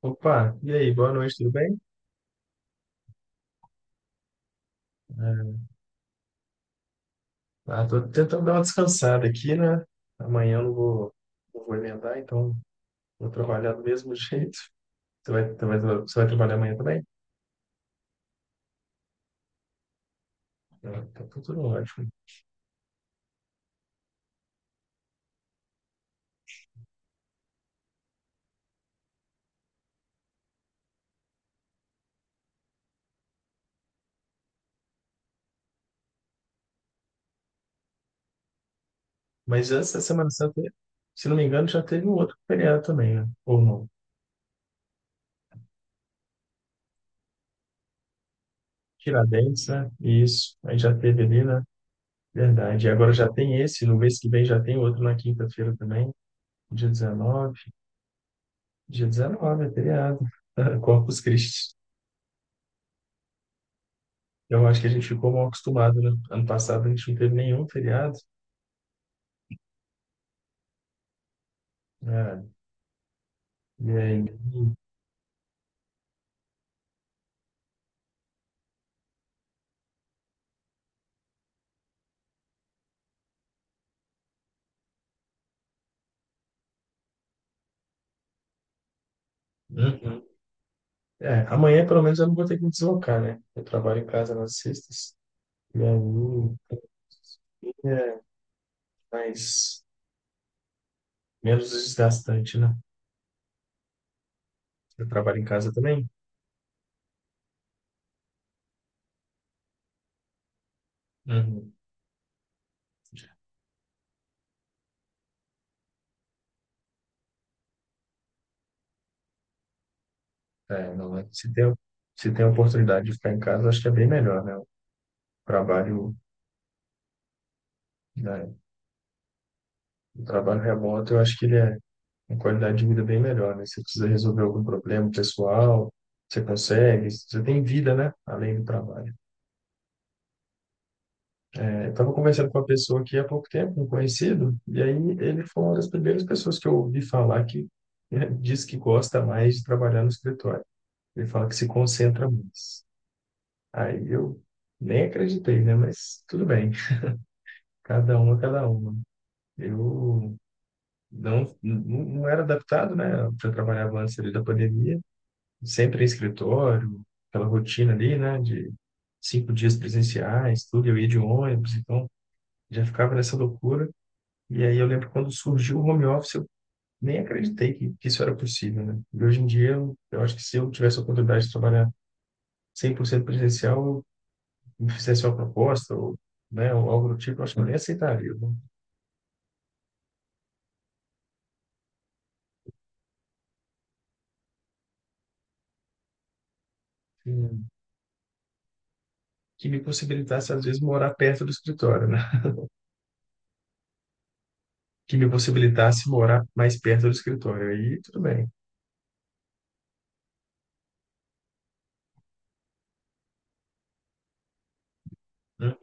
Opa, e aí, boa noite, tudo bem? É, Tô tentando dar uma descansada aqui, né? Amanhã eu não vou emendar, então vou trabalhar do mesmo jeito. Você vai trabalhar amanhã também? Ah, tá tudo ótimo. Mas antes da Semana Santa, se não me engano, já teve um outro feriado também, né? Ou não? Tiradentes, né? Isso, aí já teve ali, né? Verdade. E agora já tem esse, no mês que vem já tem outro na quinta-feira também, dia 19. Dia 19 é feriado. Corpus Christi. Eu acho que a gente ficou mal acostumado, né? Ano passado a gente não teve nenhum feriado. Né? E aí. Uhum. É, amanhã pelo menos eu não vou ter que me deslocar, né? Eu trabalho em casa nas sextas. E aí é mais, menos desgastante, né? Eu trabalho em casa também. Uhum. É, não é. Se tem a oportunidade de ficar em casa, eu acho que é bem melhor, né? O trabalho, né? O trabalho remoto, eu acho que ele é. Uma qualidade de vida bem melhor, né? Você precisa resolver algum problema pessoal, você consegue, você tem vida, né? Além do trabalho. É, eu estava conversando com uma pessoa aqui há pouco tempo, um conhecido, e aí ele foi uma das primeiras pessoas que eu ouvi falar que, né, diz que gosta mais de trabalhar no escritório. Ele fala que se concentra mais. Aí eu nem acreditei, né? Mas tudo bem, cada uma, cada uma. Eu não era adaptado, né? Eu já trabalhava antes ali da pandemia, sempre em escritório, aquela rotina ali, né, de 5 dias presenciais, tudo, eu ia de ônibus, então já ficava nessa loucura. E aí eu lembro quando surgiu o home office, eu nem acreditei que isso era possível, né? E hoje em dia, eu acho que se eu tivesse a oportunidade de trabalhar 100% presencial, eu me fizesse uma proposta, ou, né, ou algo do tipo, eu acho que eu nem aceitaria, né? Que que me possibilitasse, às vezes, morar perto do escritório, né? Que me possibilitasse morar mais perto do escritório. Aí, tudo bem. Né.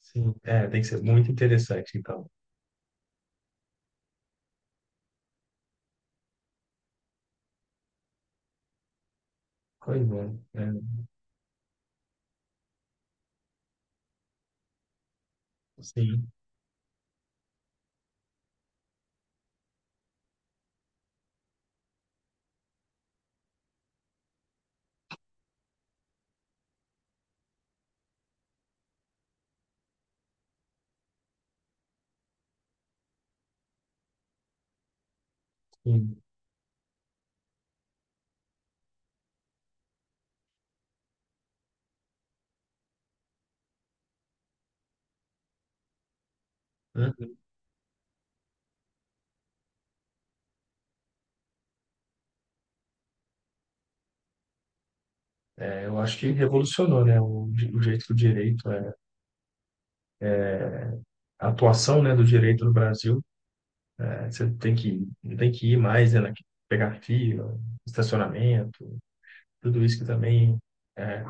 Sim, é, tem que ser muito interessante, então. Pois é. É, sim, sim. Hã? É, eu acho que revolucionou, né, o, o jeito do direito, é, a atuação, né, do direito no Brasil. É, você tem que, não tem que ir mais, né, pegar fila, estacionamento, tudo isso que também é,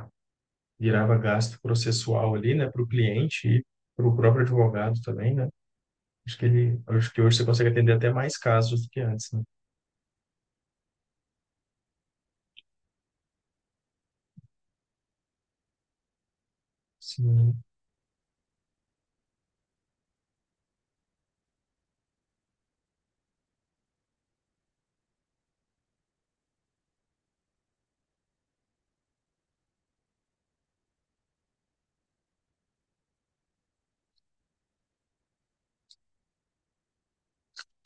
virava gasto processual ali, né, para o cliente e para o próprio advogado também, né? Acho que ele, acho que hoje você consegue atender até mais casos do que antes, né? Sim.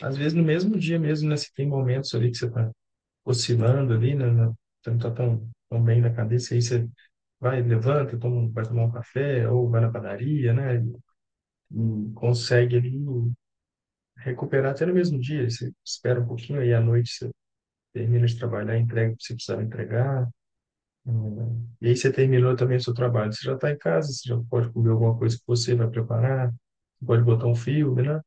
Às vezes no mesmo dia mesmo, né, você tem momentos ali que você está oscilando ali, né? Né, você não está tão, tão bem na cabeça, aí você vai, levanta, toma, vai tomar um café, ou vai na padaria, né? E consegue ali recuperar até no mesmo dia. Você espera um pouquinho, aí à noite você termina de trabalhar, entrega o que você precisava entregar. E aí você terminou também o seu trabalho. Você já está em casa, você já pode comer alguma coisa que você vai preparar, você pode botar um filme, né?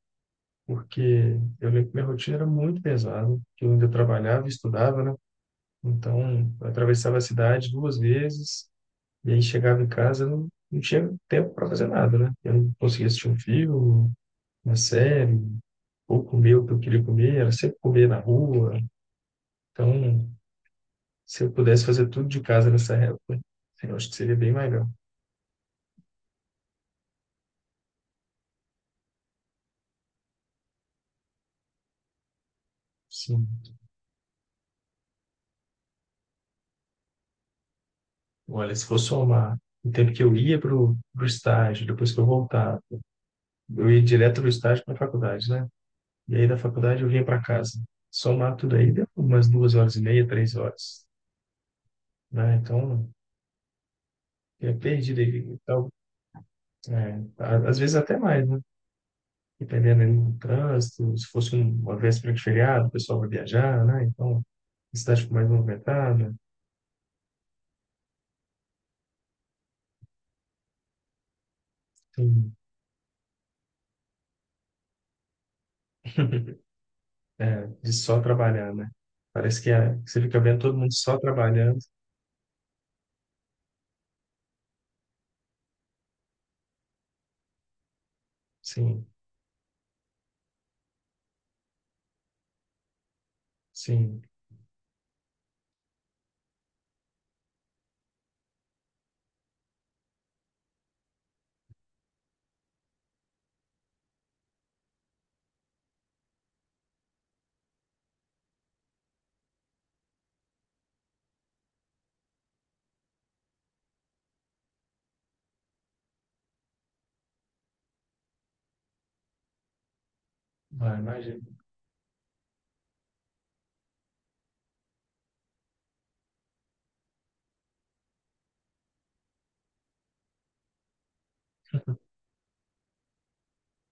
Porque eu lembro que minha rotina era muito pesada, que eu ainda trabalhava e estudava, né? Então, eu atravessava a cidade 2 vezes e aí chegava em casa, eu não, não tinha tempo para fazer nada, né? Eu não conseguia assistir um filme, uma série, ou comer o que eu queria comer, era sempre comer na rua. Então, se eu pudesse fazer tudo de casa nessa época, eu acho que seria bem legal. Sim. Olha, se for somar o tempo que eu ia para o estágio, depois que eu voltava, eu ia direto do estágio para a faculdade, né? E aí da faculdade eu vinha para casa. Somar tudo aí, deu umas 2 horas e meia, 3 horas. Né? Então, é perdido aí. Então, é, às vezes até mais, né? Dependendo ali do trânsito, se fosse uma véspera de feriado, o pessoal vai viajar, né? Então, a cidade fica mais movimentada. Sim. É, de só trabalhar, né? Parece que, é, que você fica vendo todo mundo só trabalhando. Sim, sim. Ah, imagina,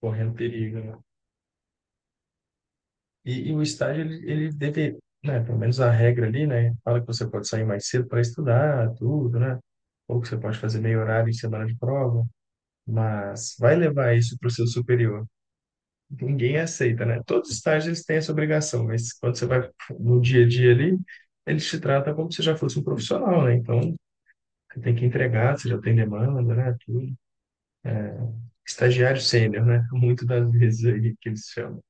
correndo perigo, né? E o estágio, ele deve, né? Pelo menos a regra ali, né? Fala que você pode sair mais cedo para estudar, tudo, né? Ou que você pode fazer meio horário em semana de prova. Mas vai levar isso para o seu superior. Ninguém aceita, né? Todos os estágios eles têm essa obrigação, mas quando você vai no dia a dia ali, eles te tratam como se já fosse um profissional, né? Então, você tem que entregar, você já tem demanda, né? Tudo. Estagiário sênior, né? Muitas das vezes aí que eles chamam.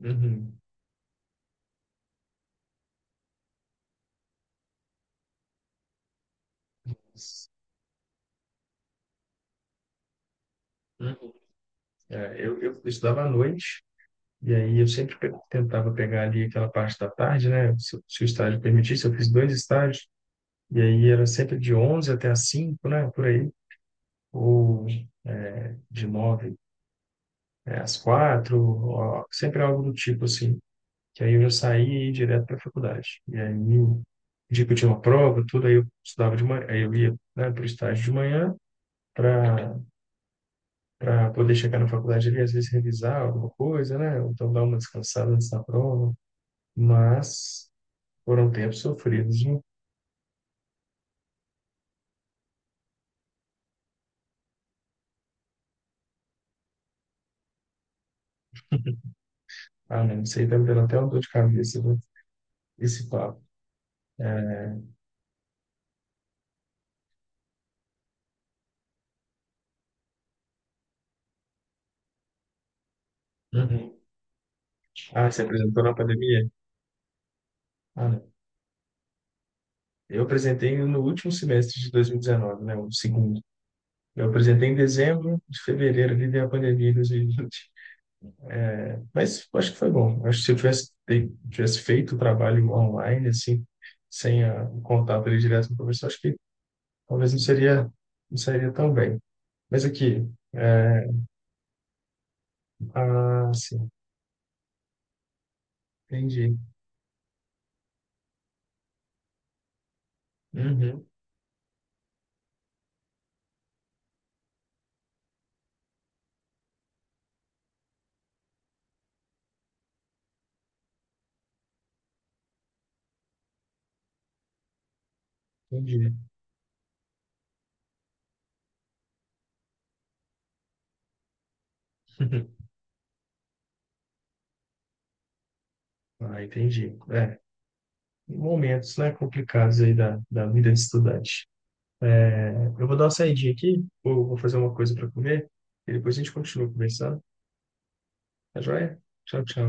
Uhum. Uhum. É, eu estudava à noite, e aí eu sempre tentava pegar ali aquela parte da tarde, né? Se o estágio permitisse, eu fiz dois estágios, e aí era sempre de 11 até as 5, né? Por aí. Ou de 9 é, às 4, ó, sempre algo do tipo assim. Que aí eu já saía e ia direto para a faculdade. E aí, no dia que eu tinha uma prova, tudo, aí eu estudava de manhã, aí eu ia, né, para o estágio de manhã para para poder chegar na faculdade ali, às vezes revisar alguma coisa, né? Ou então dar uma descansada antes da prova. Mas foram tempos sofridos, viu? Ah, não, isso aí tá me dando até uma dor de cabeça, viu? Esse papo. Uhum. Ah, se apresentou na pandemia? Ah, eu apresentei no último semestre de 2019, né, o segundo. Eu apresentei em dezembro de fevereiro, ali veio a pandemia de 2020. Mas acho que foi bom. Acho que se eu tivesse, tivesse feito o trabalho online, assim, sem a, o contato ali direto com o professor, acho que talvez não seria, não seria tão bem. Mas aqui, é, ah, sim, entendi. Uhum, entendi. Ah, entendi. É, momentos, né, complicados aí da, da vida de estudante. Eu vou dar uma saidinha aqui, vou fazer uma coisa para comer e depois a gente continua conversando. Tá joia? Tchau, tchau.